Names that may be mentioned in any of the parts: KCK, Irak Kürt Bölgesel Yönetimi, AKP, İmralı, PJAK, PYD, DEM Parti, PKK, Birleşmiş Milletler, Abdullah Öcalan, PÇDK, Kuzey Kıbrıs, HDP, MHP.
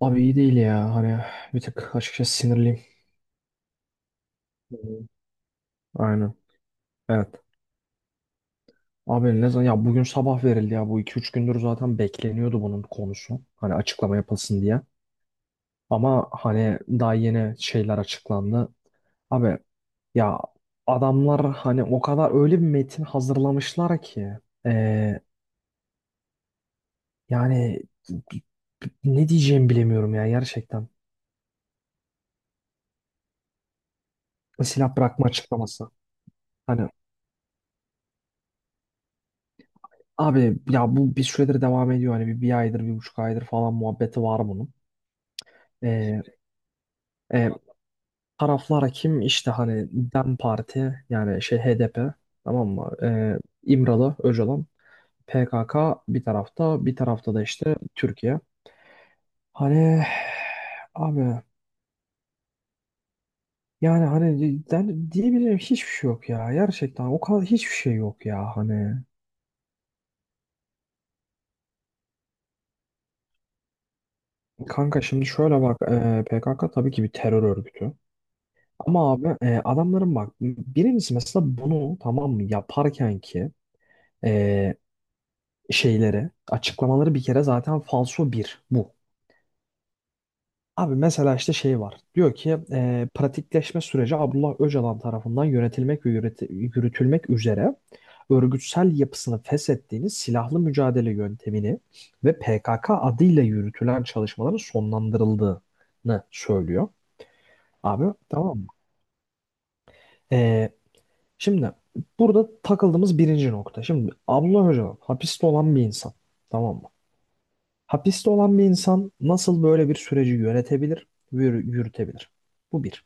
Abi iyi değil ya. Hani bir tık açıkçası sinirliyim. Hı hı. Aynen. Evet. Abi ne zaman ya, bugün sabah verildi ya, bu iki üç gündür zaten bekleniyordu bunun konusu. Hani açıklama yapılsın diye. Ama hani daha yeni şeyler açıklandı. Abi ya, adamlar hani o kadar öyle bir metin hazırlamışlar ki Ee, yani ne diyeceğimi bilemiyorum ya gerçekten. Silah bırakma açıklaması. Hani abi ya, bu bir süredir devam ediyor. Hani bir aydır, bir buçuk aydır falan muhabbeti var bunun. Ee, e, taraflara kim? İşte hani DEM Parti, yani şey HDP, tamam mı? İmralı, Öcalan, PKK bir tarafta, bir tarafta da işte Türkiye. Hani abi, yani hani ben diyebileceğim hiçbir şey yok ya. Gerçekten o kadar hiçbir şey yok ya. Hani kanka şimdi şöyle bak, PKK tabii ki bir terör örgütü. Ama abi adamların, bak, birincisi mesela bunu tamam mı yaparken ki e, şeyleri açıklamaları bir kere zaten falso bir bu. Abi mesela işte şey var, diyor ki pratikleşme süreci Abdullah Öcalan tarafından yönetilmek ve yürütülmek üzere örgütsel yapısını feshettiğiniz silahlı mücadele yöntemini ve PKK adıyla yürütülen çalışmaların sonlandırıldığını söylüyor. Abi tamam mı? E, Şimdi burada takıldığımız birinci nokta. Şimdi Abdullah Öcalan hapiste olan bir insan. Tamam mı? Hapiste olan bir insan nasıl böyle bir süreci yönetebilir, yürütebilir? Bu bir.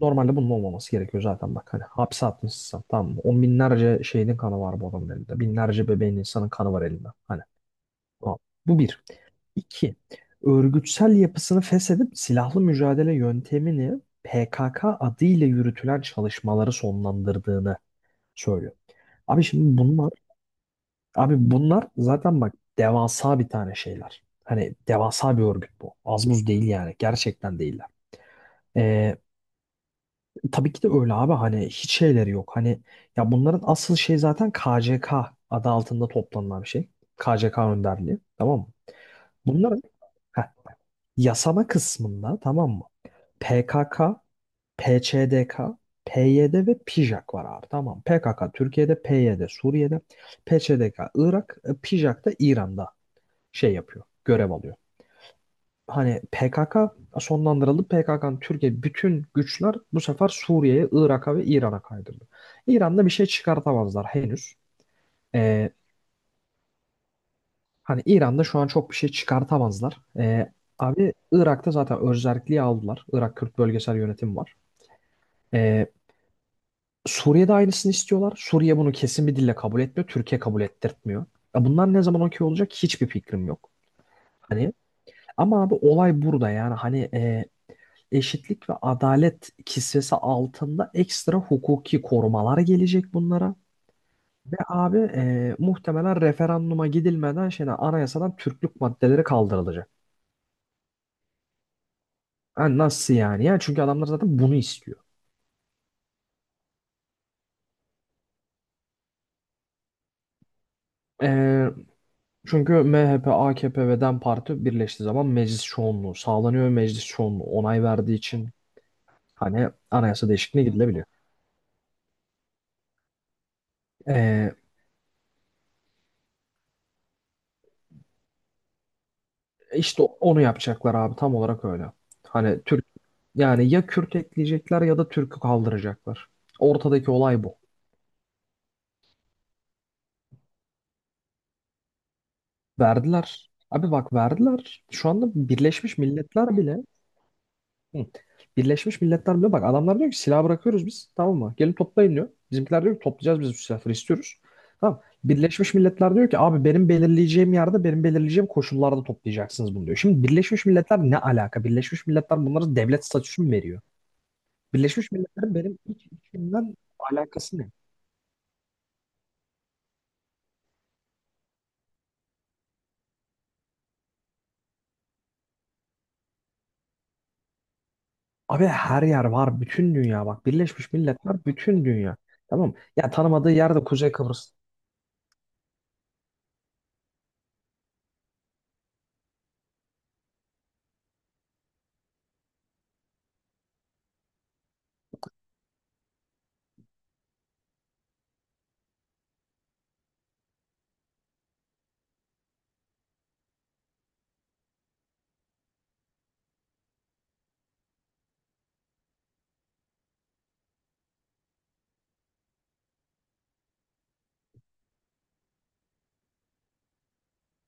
Normalde bunun olmaması gerekiyor zaten, bak. Hani hapse atmışsın, tamam mı? On binlerce şeyin kanı var bu adamın elinde. Binlerce bebeğin, insanın kanı var elinde. Hani tamam. Bu bir. İki. Örgütsel yapısını feshedip silahlı mücadele yöntemini PKK adıyla yürütülen çalışmaları sonlandırdığını söylüyor. Abi şimdi bunlar, abi bunlar zaten bak devasa bir tane şeyler. Hani devasa bir örgüt bu. Az buz değil yani. Gerçekten değiller. Ee, tabii ki de öyle abi. Hani hiç şeyleri yok. Hani ya bunların asıl şey zaten KCK adı altında toplanılan bir şey. KCK önderliği. Tamam mı? Bunların heh, yasama kısmında, tamam mı? PKK, PÇDK, PYD ve PJAK var abi, tamam. PKK Türkiye'de, PYD Suriye'de, PÇDK Irak, PJAK da İran'da şey yapıyor, görev alıyor. Hani PKK sonlandırıldı. PKK'nın Türkiye bütün güçler bu sefer Suriye'ye, Irak'a ve İran'a kaydırdı. İran'da bir şey çıkartamazlar henüz. Ee, hani İran'da şu an çok bir şey çıkartamazlar. Abi Irak'ta zaten özerkliği aldılar. Irak Kürt Bölgesel Yönetimi var. Ee, Suriye'de aynısını istiyorlar. Suriye bunu kesin bir dille kabul etmiyor. Türkiye kabul ettirtmiyor. Ya bunlar ne zaman okey olacak hiçbir fikrim yok. Hani ama abi olay burada, yani hani eşitlik ve adalet kisvesi altında ekstra hukuki korumalar gelecek bunlara. Ve abi muhtemelen referanduma gidilmeden şeyden, anayasadan Türklük maddeleri kaldırılacak. Yani nasıl yani? Yani çünkü adamlar zaten bunu istiyor. E, Çünkü MHP, AKP ve DEM Parti birleştiği zaman meclis çoğunluğu sağlanıyor ve meclis çoğunluğu onay verdiği için hani anayasa değişikliğine gidilebiliyor. Ee, işte onu yapacaklar abi, tam olarak öyle. Hani yani ya Kürt ekleyecekler ya da Türk'ü kaldıracaklar. Ortadaki olay bu. Verdiler. Abi bak, verdiler. Şu anda Birleşmiş Milletler bile. Hı. Birleşmiş Milletler bile, bak adamlar diyor ki silah bırakıyoruz biz, tamam mı? Gelin toplayın diyor. Bizimkiler diyor ki toplayacağız biz, bu silahları istiyoruz. Tamam. Birleşmiş Milletler diyor ki abi, benim belirleyeceğim yerde, benim belirleyeceğim koşullarda toplayacaksınız bunu, diyor. Şimdi Birleşmiş Milletler ne alaka? Birleşmiş Milletler bunlara devlet statüsü mü veriyor? Birleşmiş Milletler'in benim iç, içimden alakası ne? Abi her yer var, bütün dünya, bak Birleşmiş Milletler bütün dünya. Tamam mı? Ya tanımadığı yerde Kuzey Kıbrıs.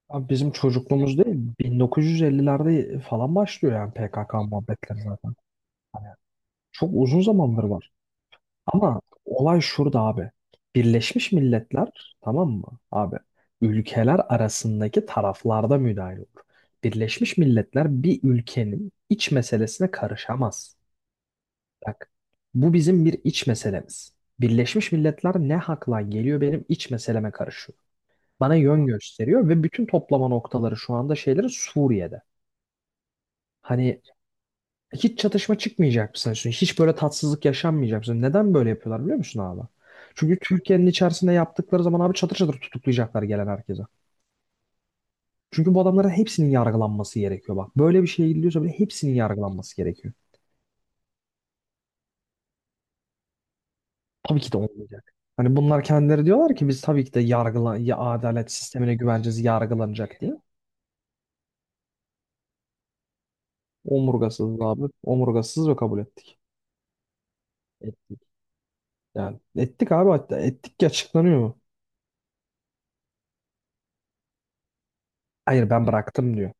Abi bizim çocukluğumuz değil, 1950'lerde falan başlıyor yani PKK muhabbetleri zaten. Çok uzun zamandır var. Ama olay şurada abi. Birleşmiş Milletler, tamam mı abi? Ülkeler arasındaki taraflarda müdahil olur. Birleşmiş Milletler bir ülkenin iç meselesine karışamaz. Bak, bu bizim bir iç meselemiz. Birleşmiş Milletler ne hakla geliyor benim iç meseleme karışıyor? Bana yön gösteriyor ve bütün toplama noktaları şu anda şeyleri Suriye'de. Hani hiç çatışma çıkmayacak mı sanıyorsun Hiç böyle tatsızlık yaşanmayacak mı sanıyorsun? Neden böyle yapıyorlar biliyor musun abi? Çünkü Türkiye'nin içerisinde yaptıkları zaman abi çatır çatır tutuklayacaklar gelen herkese. Çünkü bu adamların hepsinin yargılanması gerekiyor, bak. Böyle bir şeye gidiliyorsa bile hepsinin yargılanması gerekiyor. Tabii ki de olmayacak. Hani bunlar kendileri diyorlar ki biz tabii ki de yargıla ya, adalet sistemine güveneceğiz, yargılanacak diye. Omurgasız abi. Omurgasız ve kabul ettik. Ettik. Yani ettik abi, hatta ettik ki açıklanıyor mu? Hayır, ben bıraktım diyor.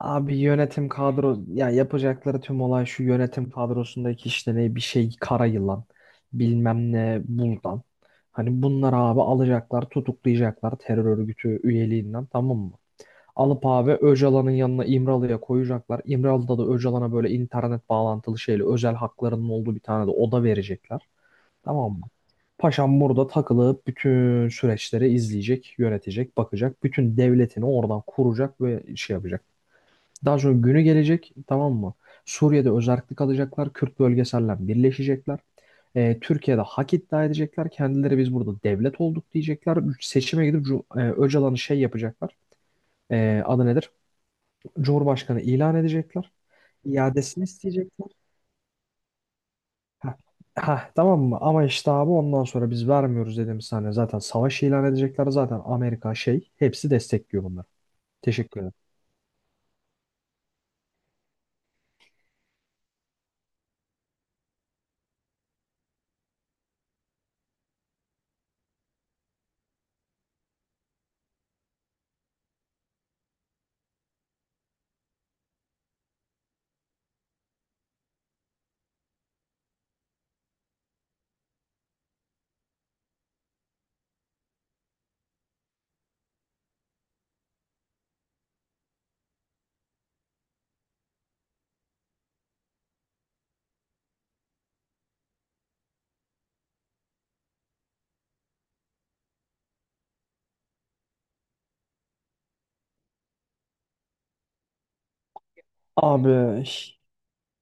Abi yönetim kadro ya, yapacakları tüm olay şu: yönetim kadrosundaki işte, ne bir şey, kara yılan bilmem ne buldan. Hani bunları abi alacaklar, tutuklayacaklar terör örgütü üyeliğinden, tamam mı? Alıp abi Öcalan'ın yanına, İmralı'ya koyacaklar. İmralı'da da Öcalan'a böyle internet bağlantılı şeyle, özel haklarının olduğu bir tane de oda verecekler. Tamam mı? Paşam burada takılıp bütün süreçleri izleyecek, yönetecek, bakacak. Bütün devletini oradan kuracak ve şey yapacak. Daha sonra günü gelecek, tamam mı? Suriye'de özerklik alacaklar. Kürt bölgeselden birleşecekler. Türkiye'de hak iddia edecekler. Kendileri biz burada devlet olduk diyecekler. Seçime gidip Öcalan'ı şey yapacaklar. Adı nedir? Cumhurbaşkanı ilan edecekler. İadesini isteyecekler. Heh. Heh, tamam mı? Ama işte abi ondan sonra biz vermiyoruz dedim sana. Zaten savaş ilan edecekler. Zaten Amerika şey, hepsi destekliyor bunları. Teşekkür ederim. Abi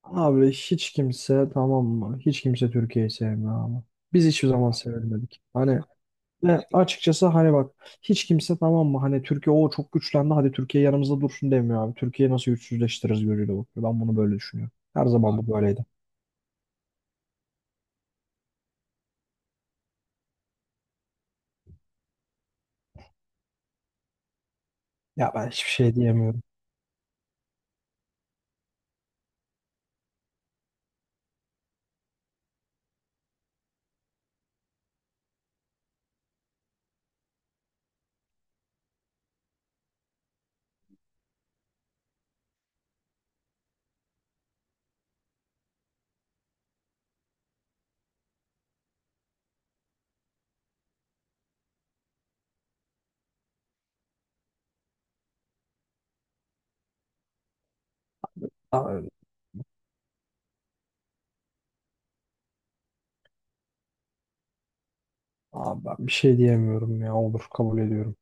Abi hiç kimse, tamam mı? Hiç kimse Türkiye'yi sevmiyor abi. Biz hiçbir zaman sevilmedik. Hani ve açıkçası hani bak, hiç kimse, tamam mı? Hani Türkiye o çok güçlendi, hadi Türkiye yanımızda dursun demiyor abi. Türkiye'yi nasıl güçsüzleştiririz gözüyle bakıyor. Ben bunu böyle düşünüyorum. Her zaman bu böyleydi. Ya ben hiçbir şey diyemiyorum. Abi, abi ben bir şey diyemiyorum ya, olur, kabul ediyorum.